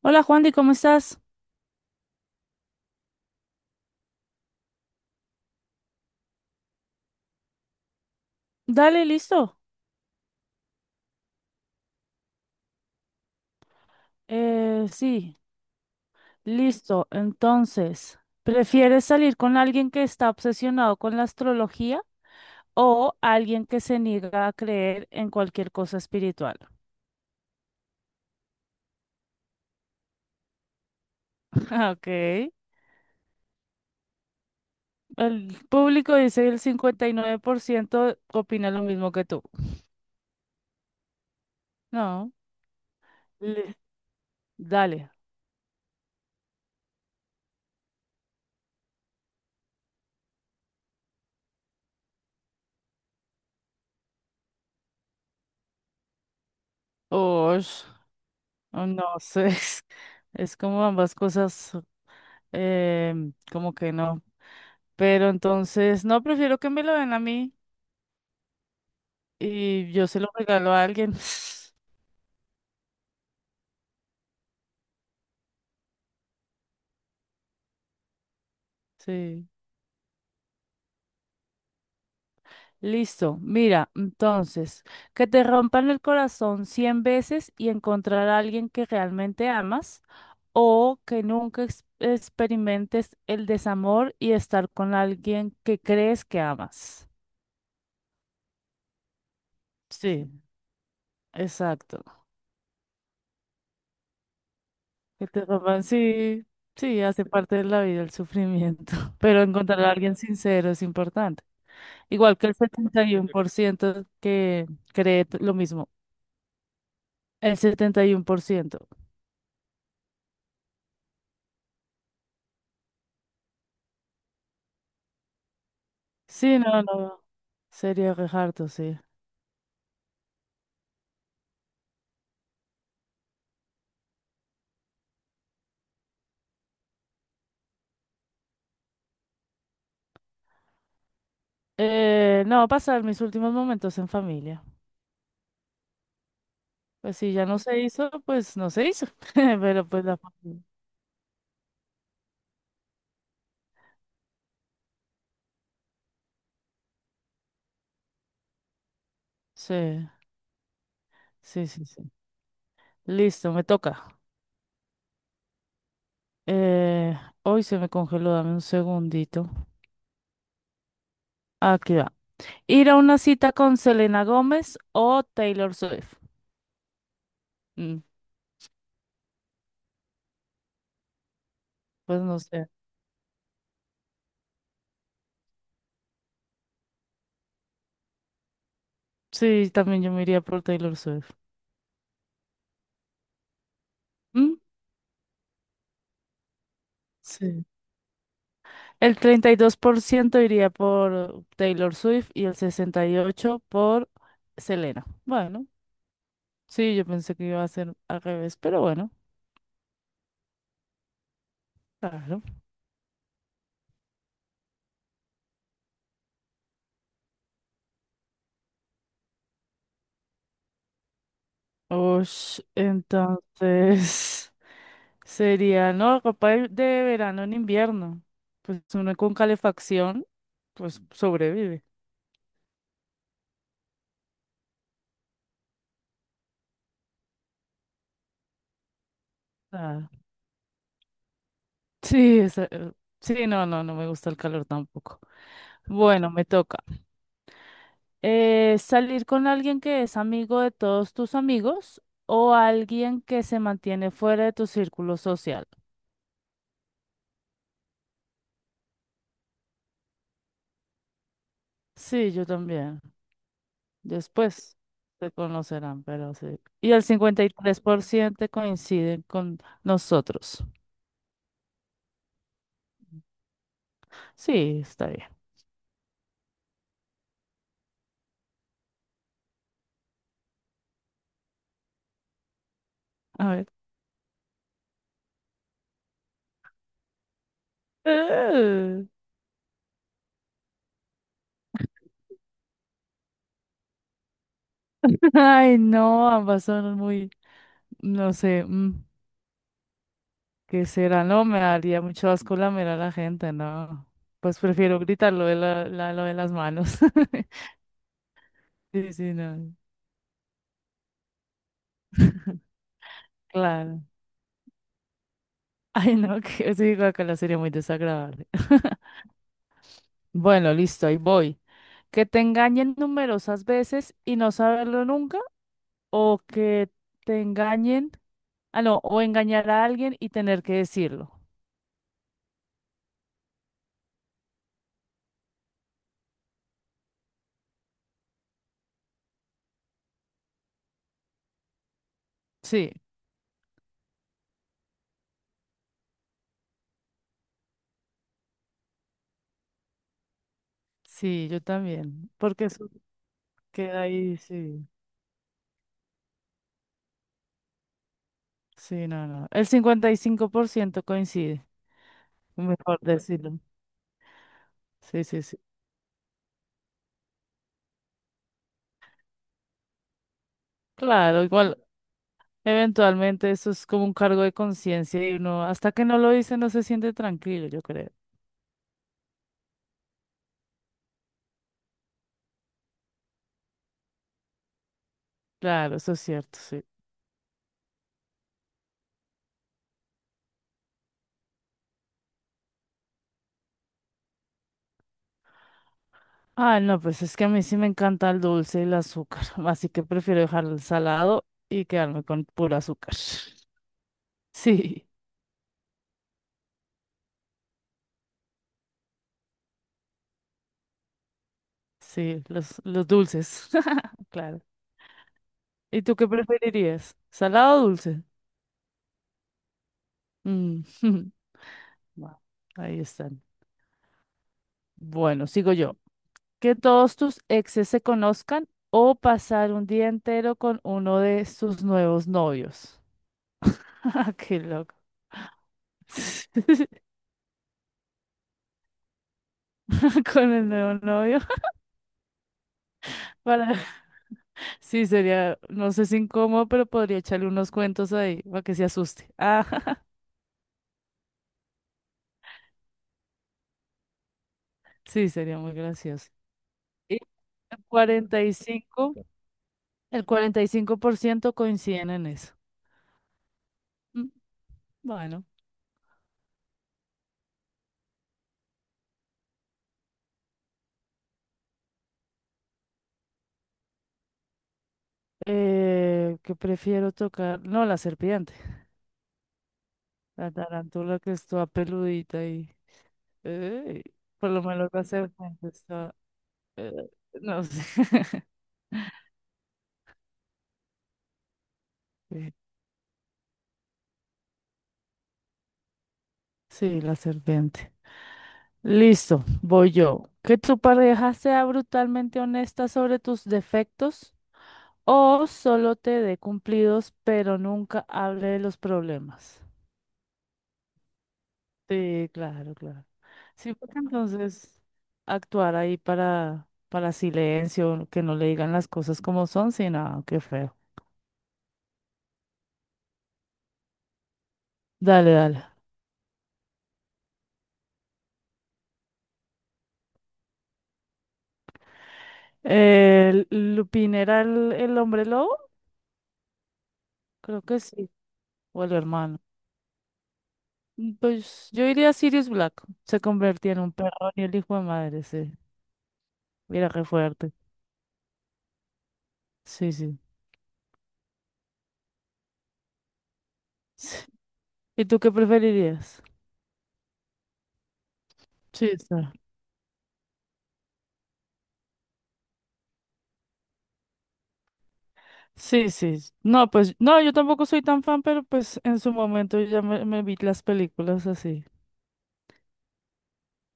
Hola Juandy, ¿cómo estás? Dale, listo. Sí, listo. Entonces, ¿prefieres salir con alguien que está obsesionado con la astrología o alguien que se niega a creer en cualquier cosa espiritual? Ok. El público dice el 59% opina lo mismo que tú. No, le- dale. Osh, no sé. Es como ambas cosas, como que no. Pero entonces, no, prefiero que me lo den a mí y yo se lo regalo a alguien. Sí. Listo. Mira, entonces, que te rompan el corazón 100 veces y encontrar a alguien que realmente amas o que nunca experimentes el desamor y estar con alguien que crees que amas. Sí, exacto. Que te rompan, sí, sí, hace parte de la vida el sufrimiento, pero encontrar a alguien sincero es importante. Igual que el 71% que lo mismo. El setenta y uno por ciento. Sí, no, no. Sería re harto, sí. No, pasar mis últimos momentos en familia. Pues si ya no se hizo, pues no se hizo. Pero pues la familia. Sí, sí, sí, sí. Listo, me toca. Eh, hoy se me congeló, dame un segundito. Aquí va. Ir a una cita con Selena Gómez o Taylor Swift. Mm, pues no sé. Sí, también yo me iría por Taylor Swift. ¿Mm? Sí. El 32% iría por Taylor Swift y el 68% por Selena. Bueno, sí, yo pensé que iba a ser al revés, pero bueno, claro. Ush, entonces sería, no, ropa de, verano en invierno. Pues uno con calefacción, pues sobrevive. Ah, sí, sí, no, no, no me gusta el calor tampoco. Bueno, me toca. Salir con alguien que es amigo de todos tus amigos o alguien que se mantiene fuera de tu círculo social. Sí, yo también. Después se conocerán, pero sí. Y el 53% coinciden con nosotros. Sí, está bien. A ver. Eh, Ay, no, ambas son muy, no sé, ¿qué será? No, me daría mucho asco lamer a la gente, no. Pues prefiero gritar lo de la, lo de las manos. Sí, sí, no. Claro. Ay, no, que sí, guácala, sería muy desagradable. Bueno, listo, ahí voy. Que te engañen numerosas veces y no saberlo nunca, o que te engañen, ah, no, o engañar a alguien y tener que decirlo. Sí, sí, yo también, porque eso queda ahí, sí, sí, no, no. El 55% coincide, mejor decirlo. Sí, sí, sí. Claro, igual. Eventualmente eso es como un cargo de conciencia y uno, hasta que no lo dice, no se siente tranquilo, yo creo. Claro, eso es cierto, sí. Ah, no, pues es que a mí sí me encanta el dulce y el azúcar, así que prefiero dejar el salado y quedarme con puro azúcar. Sí, sí, los, dulces, claro. ¿Y tú qué preferirías? ¿Salado o dulce? Mm, bueno, ahí están. Bueno, sigo yo. Que todos tus exes se conozcan o pasar un día entero con uno de sus nuevos novios. Qué loco. Con el nuevo novio. Para... Sí, sería, no sé si incómodo, pero podría echarle unos cuentos ahí para que se asuste. Ah, sí, sería muy gracioso. Y el cuarenta y cinco el 45% coinciden en eso. Mm, bueno, ¿qué prefiero tocar? No, la serpiente, la tarántula que está peludita y... Eh, por lo menos la serpiente está. eh, no sé. Sí, sí, la serpiente. Listo, voy yo. Que tu pareja sea brutalmente honesta sobre tus defectos o solo te dé cumplidos, pero nunca hable de los problemas. Sí, claro, claro. Sí, porque entonces actuar ahí para silencio, que no le digan las cosas como son, sí, nada, qué feo. Dale, dale. Lupin era el hombre lobo, creo que sí, o el hermano. Pues yo diría Sirius Black, se convertía en un perro y el hijo de madre, sí. Mira qué fuerte. Sí, sí. Sí. ¿Y tú qué preferirías? Sí, está. Sí, sí, sí. No, pues no, yo tampoco soy tan fan, pero pues en su momento ya me vi las películas así.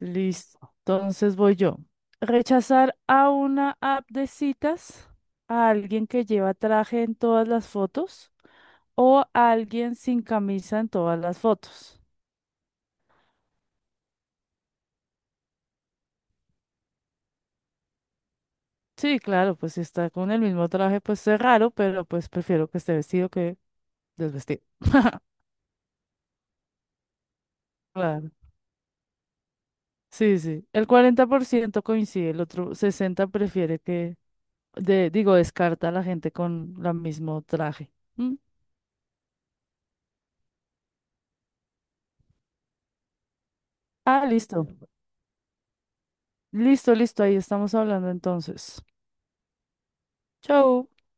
Listo. Entonces voy yo. Rechazar a una app de citas a alguien que lleva traje en todas las fotos o alguien sin camisa en todas las fotos. Sí, claro, pues si está con el mismo traje, pues es raro, pero pues prefiero que esté vestido que desvestido. Claro. Sí, sí. El 40% coincide, el otro 60% prefiere que, de, digo, descarta a la gente con el mismo traje. ¿Mm? Ah, listo. Listo, listo. Ahí estamos hablando entonces. Chau.